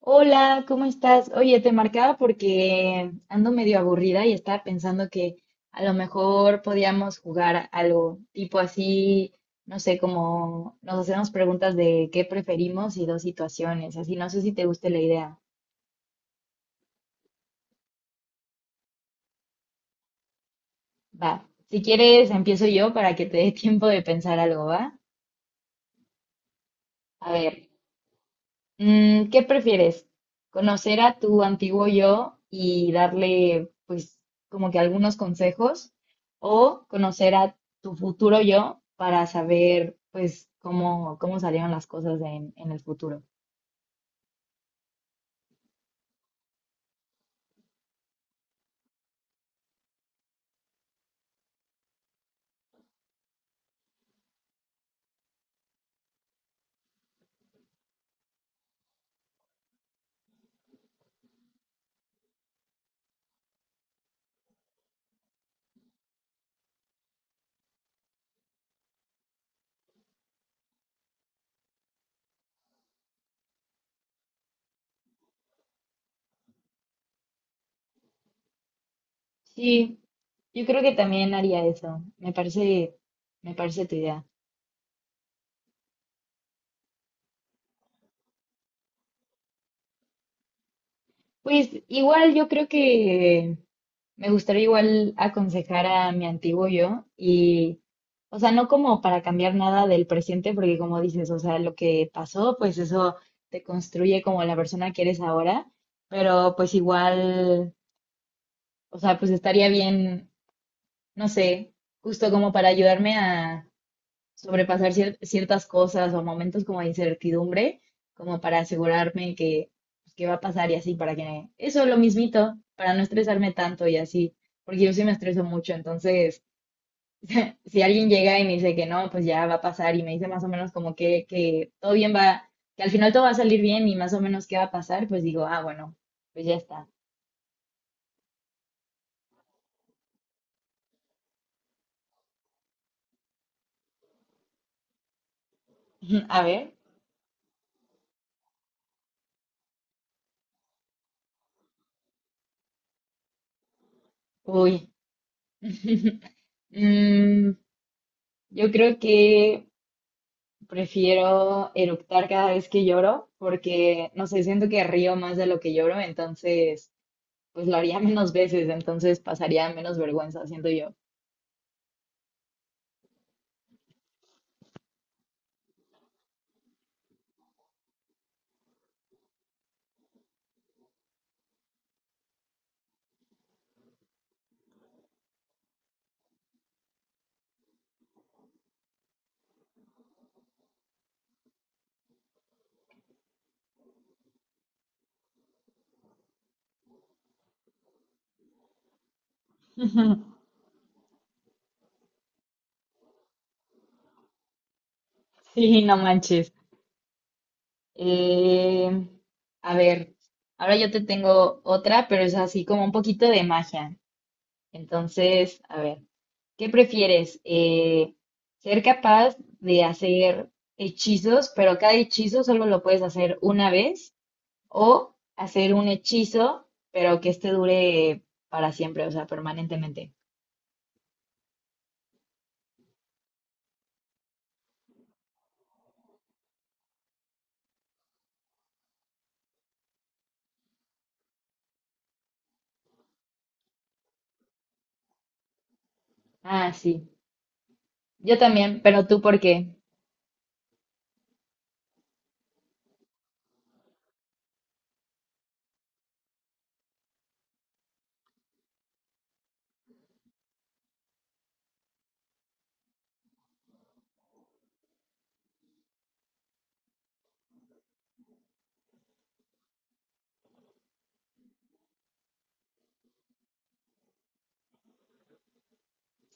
Hola, ¿cómo estás? Oye, te marcaba porque ando medio aburrida y estaba pensando que a lo mejor podíamos jugar algo tipo así, no sé, como nos hacemos preguntas de qué preferimos y dos situaciones, así, no sé si te guste la idea. Va, si quieres empiezo yo para que te dé tiempo de pensar algo, ¿va? A ver, ¿qué prefieres? ¿Conocer a tu antiguo yo y darle, pues, como que algunos consejos? ¿O conocer a tu futuro yo para saber, pues, cómo salieron las cosas en el futuro? Sí, yo creo que también haría eso. Me parece tu idea. Pues igual yo creo que. Me gustaría igual aconsejar a mi antiguo yo y, o sea, no como para cambiar nada del presente, porque como dices, o sea, lo que pasó, pues eso te construye como la persona que eres ahora, pero pues igual, o sea, pues estaría bien, no sé, justo como para ayudarme a sobrepasar ciertas cosas o momentos como de incertidumbre, como para asegurarme que, pues, que va a pasar y así, para que eso lo mismito, para no estresarme tanto y así, porque yo sí me estreso mucho, entonces si alguien llega y me dice que no, pues ya va a pasar y me dice más o menos como que todo bien va, que al final todo va a salir bien y más o menos qué va a pasar, pues digo, ah, bueno, pues ya está. A ver, uy. Mm, yo creo que. Prefiero eructar cada vez que lloro porque, no sé, siento que río más de lo que lloro, entonces, pues lo haría menos veces, entonces pasaría menos vergüenza, siento yo. Sí, no manches. Eh, a ver, ahora yo te tengo otra, pero es así como un poquito de magia. Entonces, a ver, ¿qué prefieres? ¿Ser capaz de hacer hechizos, pero cada hechizo solo lo puedes hacer una vez? O hacer un hechizo, pero que este dure para siempre, o sea, permanentemente. Ah, sí. Yo también, pero tú por qué.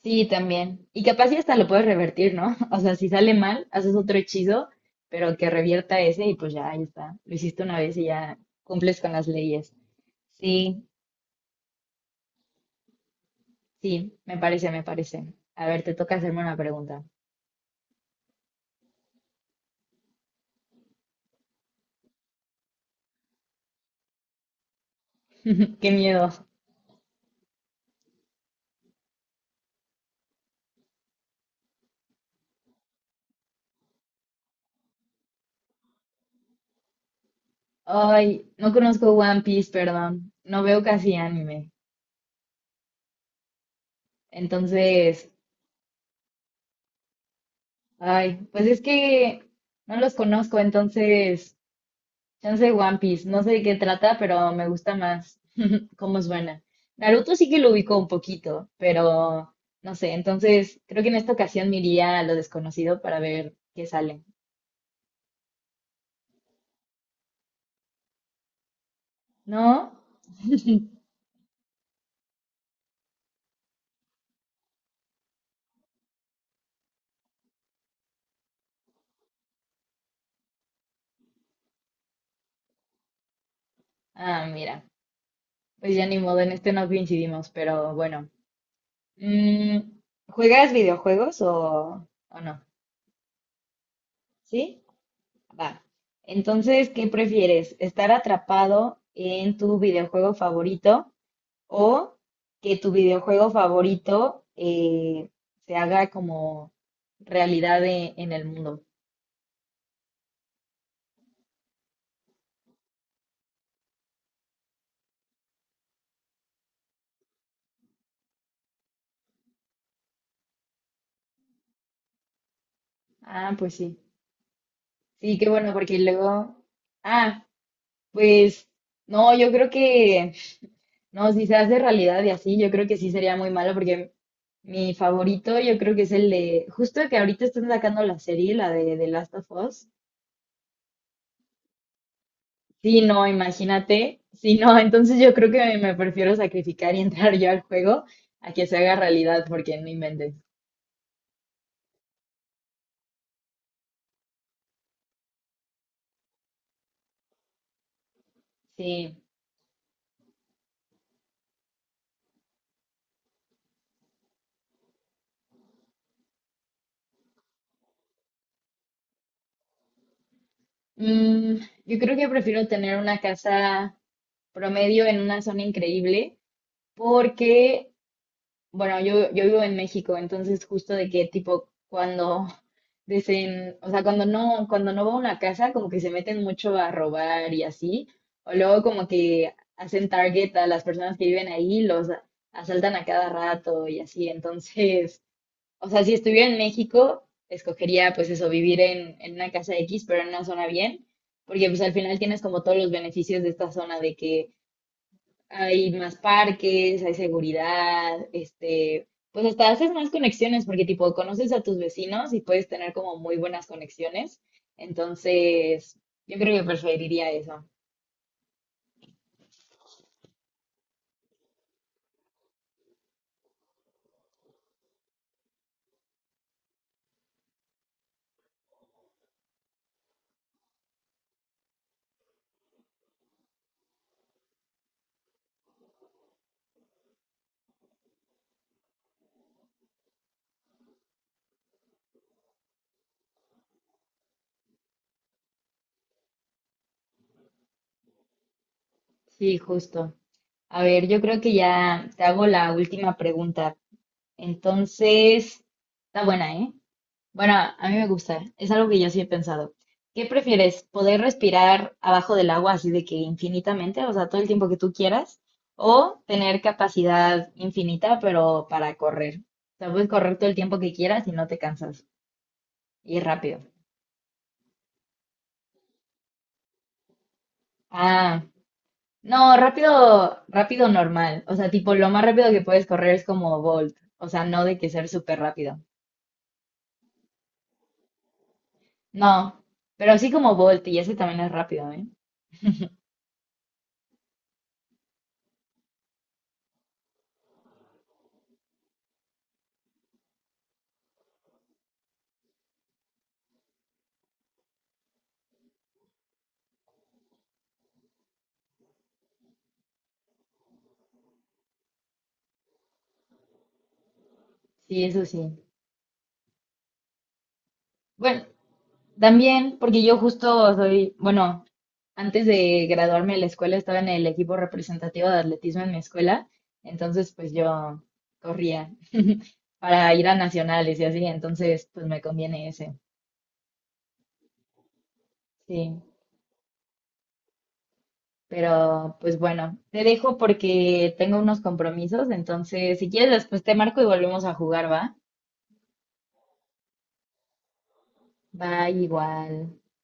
Sí, también. Y capaz y hasta lo puedes revertir, ¿no? O sea, si sale mal, haces otro hechizo, pero que revierta ese y pues ya, ahí está. Lo hiciste una vez y ya cumples con las leyes. Sí, sí, me parece. A ver, te toca hacerme una pregunta. Qué miedo. Ay, no conozco One Piece, perdón. No veo casi anime. Entonces, ay, pues es que no los conozco, entonces, chance One Piece, no sé de qué trata, pero me gusta más cómo suena. Naruto sí que lo ubico un poquito, pero no sé, entonces creo que en esta ocasión me iría a lo desconocido para ver qué sale. ¿No? Ah, mira, pues ya ni modo, en este no coincidimos, pero bueno. Mm, ¿Juegas videojuegos o no? ¿Sí? Va. Entonces, ¿qué prefieres? ¿Estar atrapado en tu videojuego favorito o que tu videojuego favorito se haga como realidad en el mundo? Ah, pues sí. Sí, qué bueno, porque luego... Ah, pues no, yo creo que... No, si se hace realidad y así, yo creo que sí sería muy malo porque mi favorito yo creo que es el de... Justo que ahorita están sacando la serie, la de The Last of Us. Sí, no, imagínate. Sí, no, entonces yo creo que me prefiero sacrificar y entrar yo al juego a que se haga realidad, porque no inventes. Sí. Mm, yo creo que prefiero tener una casa promedio en una zona increíble, porque. Bueno, yo vivo en México, entonces justo de que tipo cuando dicen, o sea, cuando no va a una casa, como que se meten mucho a robar y así, o luego como que hacen target a las personas que viven ahí, los asaltan a cada rato y así, entonces, o sea, si estuviera en México, escogería pues eso, vivir en una casa X, pero en una zona bien, porque pues al final tienes como todos los beneficios de esta zona de que hay más parques, hay seguridad, este, pues hasta haces más conexiones porque tipo conoces a tus vecinos y puedes tener como muy buenas conexiones. Entonces, yo creo que preferiría eso. Sí, justo. A ver, yo creo que ya te hago la última pregunta. Entonces, está buena, ¿eh? Bueno, a mí me gusta. Es algo que yo sí he pensado. ¿Qué prefieres? ¿Poder respirar abajo del agua así de que infinitamente, o sea, todo el tiempo que tú quieras? ¿O tener capacidad infinita, pero para correr? O sea, puedes correr todo el tiempo que quieras y no te cansas. Y rápido. Ah, no, rápido, rápido normal. O sea, tipo, lo más rápido que puedes correr es como Bolt. O sea, no de que ser súper rápido. No, pero sí como Bolt y ese también es rápido, ¿eh? Sí, eso sí. Bueno. También, porque yo justo soy, bueno, antes de graduarme de la escuela estaba en el equipo representativo de atletismo en mi escuela, entonces pues yo corría para ir a nacionales y así, entonces pues me conviene ese, sí. Pero pues bueno, te dejo porque tengo unos compromisos, entonces si quieres después te marco y volvemos a jugar, ¿va? Va igual.